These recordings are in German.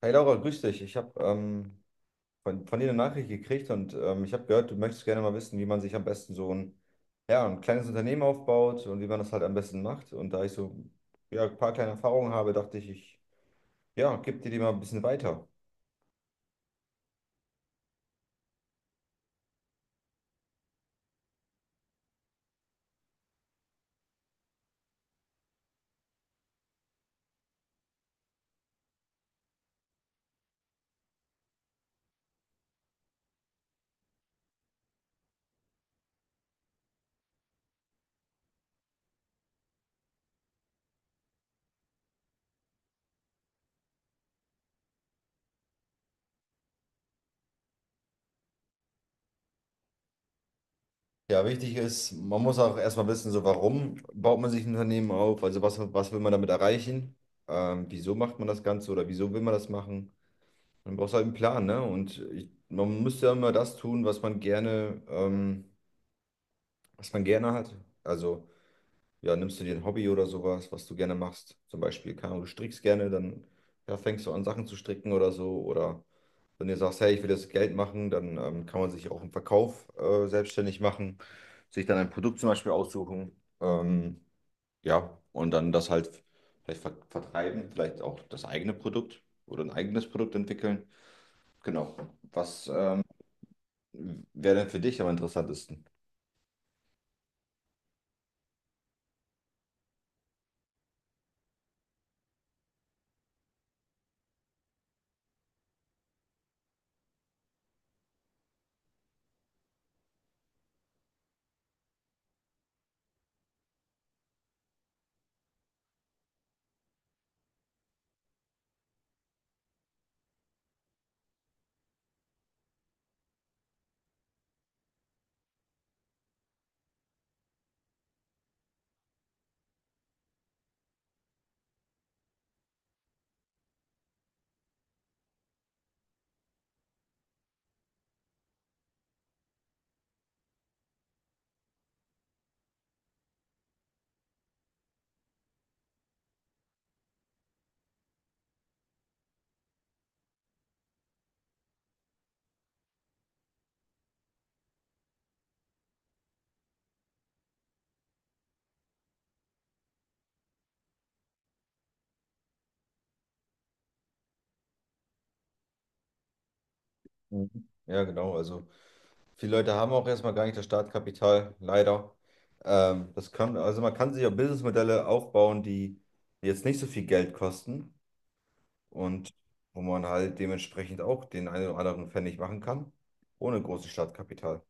Hey Laura, grüß dich. Ich habe von dir eine Nachricht gekriegt und ich habe gehört, du möchtest gerne mal wissen, wie man sich am besten so ein, ja, ein kleines Unternehmen aufbaut und wie man das halt am besten macht. Und da ich so ja, ein paar kleine Erfahrungen habe, dachte ich, ich ja, gebe dir die mal ein bisschen weiter. Ja, wichtig ist, man muss auch erstmal wissen, so warum baut man sich ein Unternehmen auf, also was will man damit erreichen, wieso macht man das Ganze oder wieso will man das machen. Man braucht halt einen Plan, ne? Und ich, man müsste ja immer das tun, was man gerne was man gerne hat. Also, ja, nimmst du dir ein Hobby oder sowas, was du gerne machst. Zum Beispiel, keine Ahnung, du strickst gerne, dann ja, fängst du an, Sachen zu stricken oder so. Oder wenn du sagst, hey, ich will das Geld machen, dann kann man sich auch im Verkauf selbstständig machen, sich dann ein Produkt zum Beispiel aussuchen. Ähm, ja, und dann das halt vielleicht vertreiben, vielleicht auch das eigene Produkt oder ein eigenes Produkt entwickeln. Genau. Was wäre denn für dich am interessantesten? Mhm. Ja, genau. Also. Viele Leute haben auch erstmal gar nicht das Startkapital, leider. Das kann, also man kann sich auch Businessmodelle aufbauen, die jetzt nicht so viel Geld kosten, und wo man halt dementsprechend auch den einen oder anderen Pfennig machen kann, ohne großes Startkapital.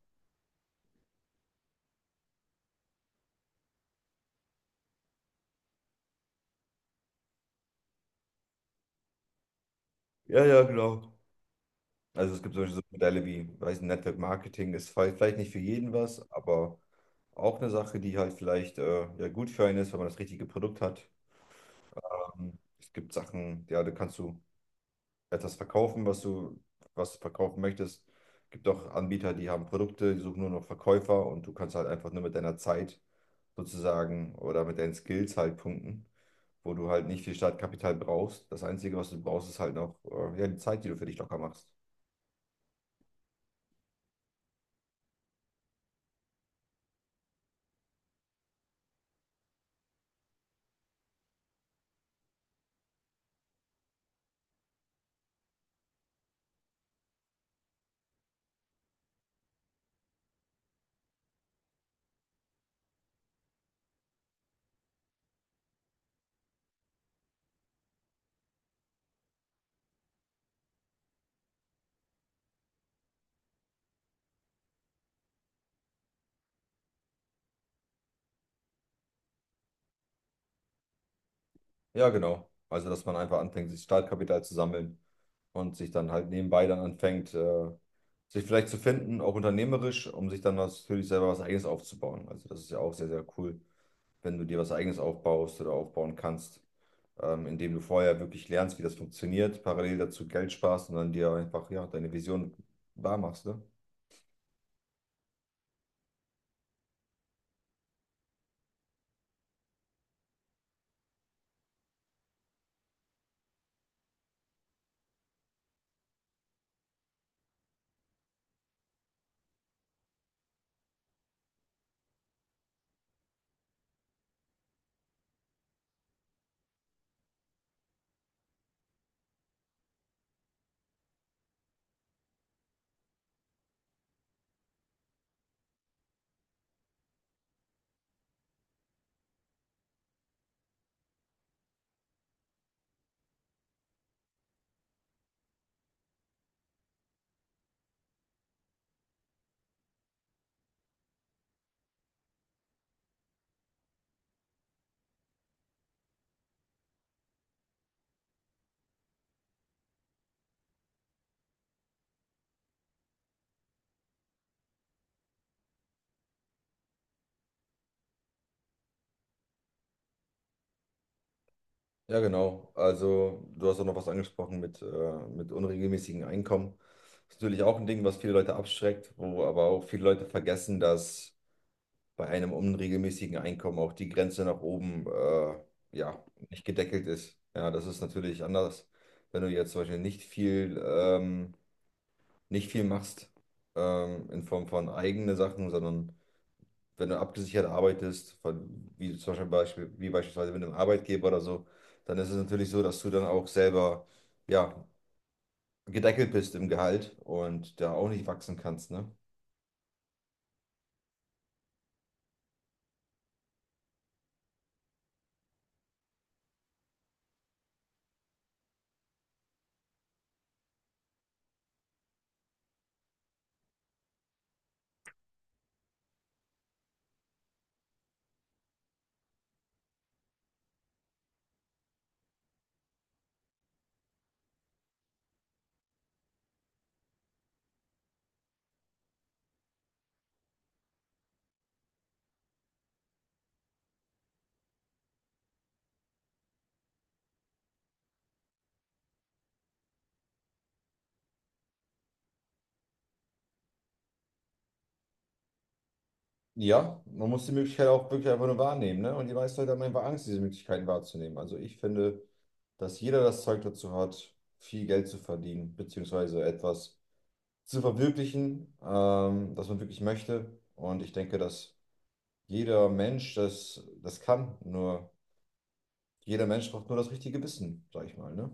Ja, ja, genau. Also es gibt solche so Modelle wie, weiß nicht, Network Marketing ist vielleicht nicht für jeden was, aber auch eine Sache, die halt vielleicht ja, gut für einen ist, wenn man das richtige Produkt hat. Es gibt Sachen, ja, da kannst du etwas verkaufen, was du verkaufen möchtest. Gibt auch Anbieter, die haben Produkte, die suchen nur noch Verkäufer, und du kannst halt einfach nur mit deiner Zeit sozusagen oder mit deinen Skills halt punkten, wo du halt nicht viel Startkapital brauchst. Das Einzige, was du brauchst, ist halt noch ja, die Zeit, die du für dich locker machst. Ja, genau. Also, dass man einfach anfängt, sich Startkapital zu sammeln und sich dann halt nebenbei dann anfängt, sich vielleicht zu finden, auch unternehmerisch, um sich dann was, für sich selber was Eigenes aufzubauen. Also, das ist ja auch sehr, sehr cool, wenn du dir was Eigenes aufbaust oder aufbauen kannst, indem du vorher wirklich lernst, wie das funktioniert, parallel dazu Geld sparst und dann dir einfach ja, deine Vision wahr machst, ne? Ja, genau. Also, du hast auch noch was angesprochen mit unregelmäßigen Einkommen. Das ist natürlich auch ein Ding, was viele Leute abschreckt, wo aber auch viele Leute vergessen, dass bei einem unregelmäßigen Einkommen auch die Grenze nach oben ja, nicht gedeckelt ist. Ja, das ist natürlich anders, wenn du jetzt zum Beispiel nicht viel nicht viel machst in Form von eigene Sachen, sondern wenn du abgesichert arbeitest, von, wie zum Beispiel, wie beispielsweise mit einem Arbeitgeber oder so, dann ist es natürlich so, dass du dann auch selber ja, gedeckelt bist im Gehalt und da auch nicht wachsen kannst, ne? Ja, man muss die Möglichkeit auch wirklich einfach nur wahrnehmen, ne? Und die meisten Leute haben einfach Angst, diese Möglichkeiten wahrzunehmen. Also ich finde, dass jeder das Zeug dazu hat, viel Geld zu verdienen, beziehungsweise etwas zu verwirklichen, das man wirklich möchte. Und ich denke, dass jeder Mensch das kann. Nur jeder Mensch braucht nur das richtige Wissen, sag ich mal, ne?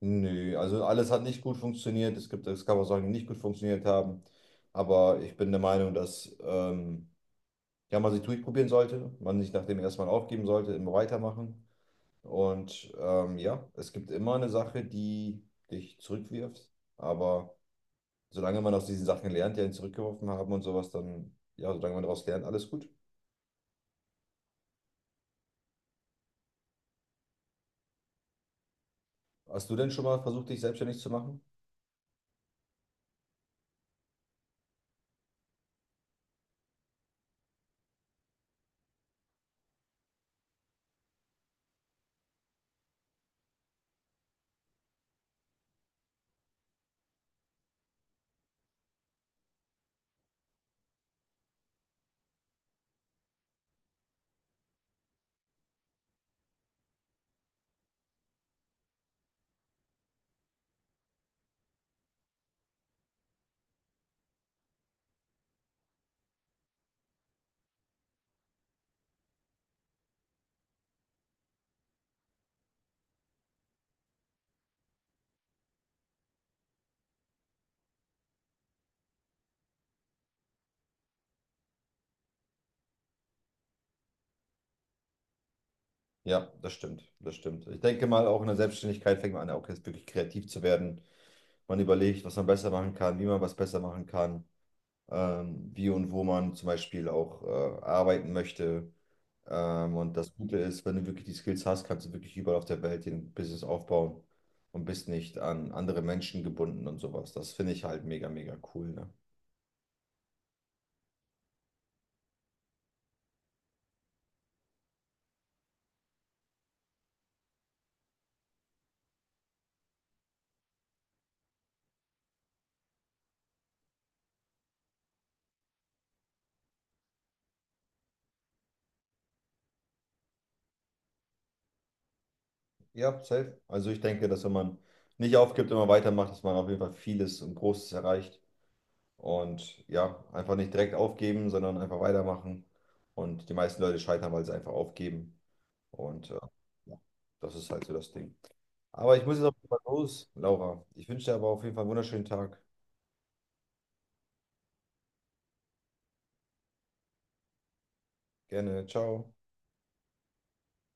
Nö, also alles hat nicht gut funktioniert. Es gab auch Sachen, die nicht gut funktioniert haben. Aber ich bin der Meinung, dass ja, man sich durchprobieren sollte, man nicht nach dem ersten Mal aufgeben sollte, immer weitermachen. Und ja, es gibt immer eine Sache, die dich zurückwirft. Aber solange man aus diesen Sachen lernt, die einen zurückgeworfen haben und sowas, dann, ja, solange man daraus lernt, alles gut. Hast du denn schon mal versucht, dich selbstständig zu machen? Ja, das stimmt, das stimmt. Ich denke mal, auch in der Selbstständigkeit fängt man an, auch jetzt wirklich kreativ zu werden. Man überlegt, was man besser machen kann, wie man was besser machen kann, wie und wo man zum Beispiel auch arbeiten möchte. Und das Gute ist, wenn du wirklich die Skills hast, kannst du wirklich überall auf der Welt ein Business aufbauen und bist nicht an andere Menschen gebunden und sowas. Das finde ich halt mega, mega cool, ne? Ja, safe. Also ich denke, dass wenn man nicht aufgibt, immer weitermacht, dass man auf jeden Fall vieles und Großes erreicht. Und ja, einfach nicht direkt aufgeben, sondern einfach weitermachen. Und die meisten Leute scheitern, weil sie einfach aufgeben. Und ja, das ist halt so das Ding. Aber ich muss jetzt auf jeden Fall los, Laura. Ich wünsche dir aber auf jeden Fall einen wunderschönen Tag. Gerne. Ciao.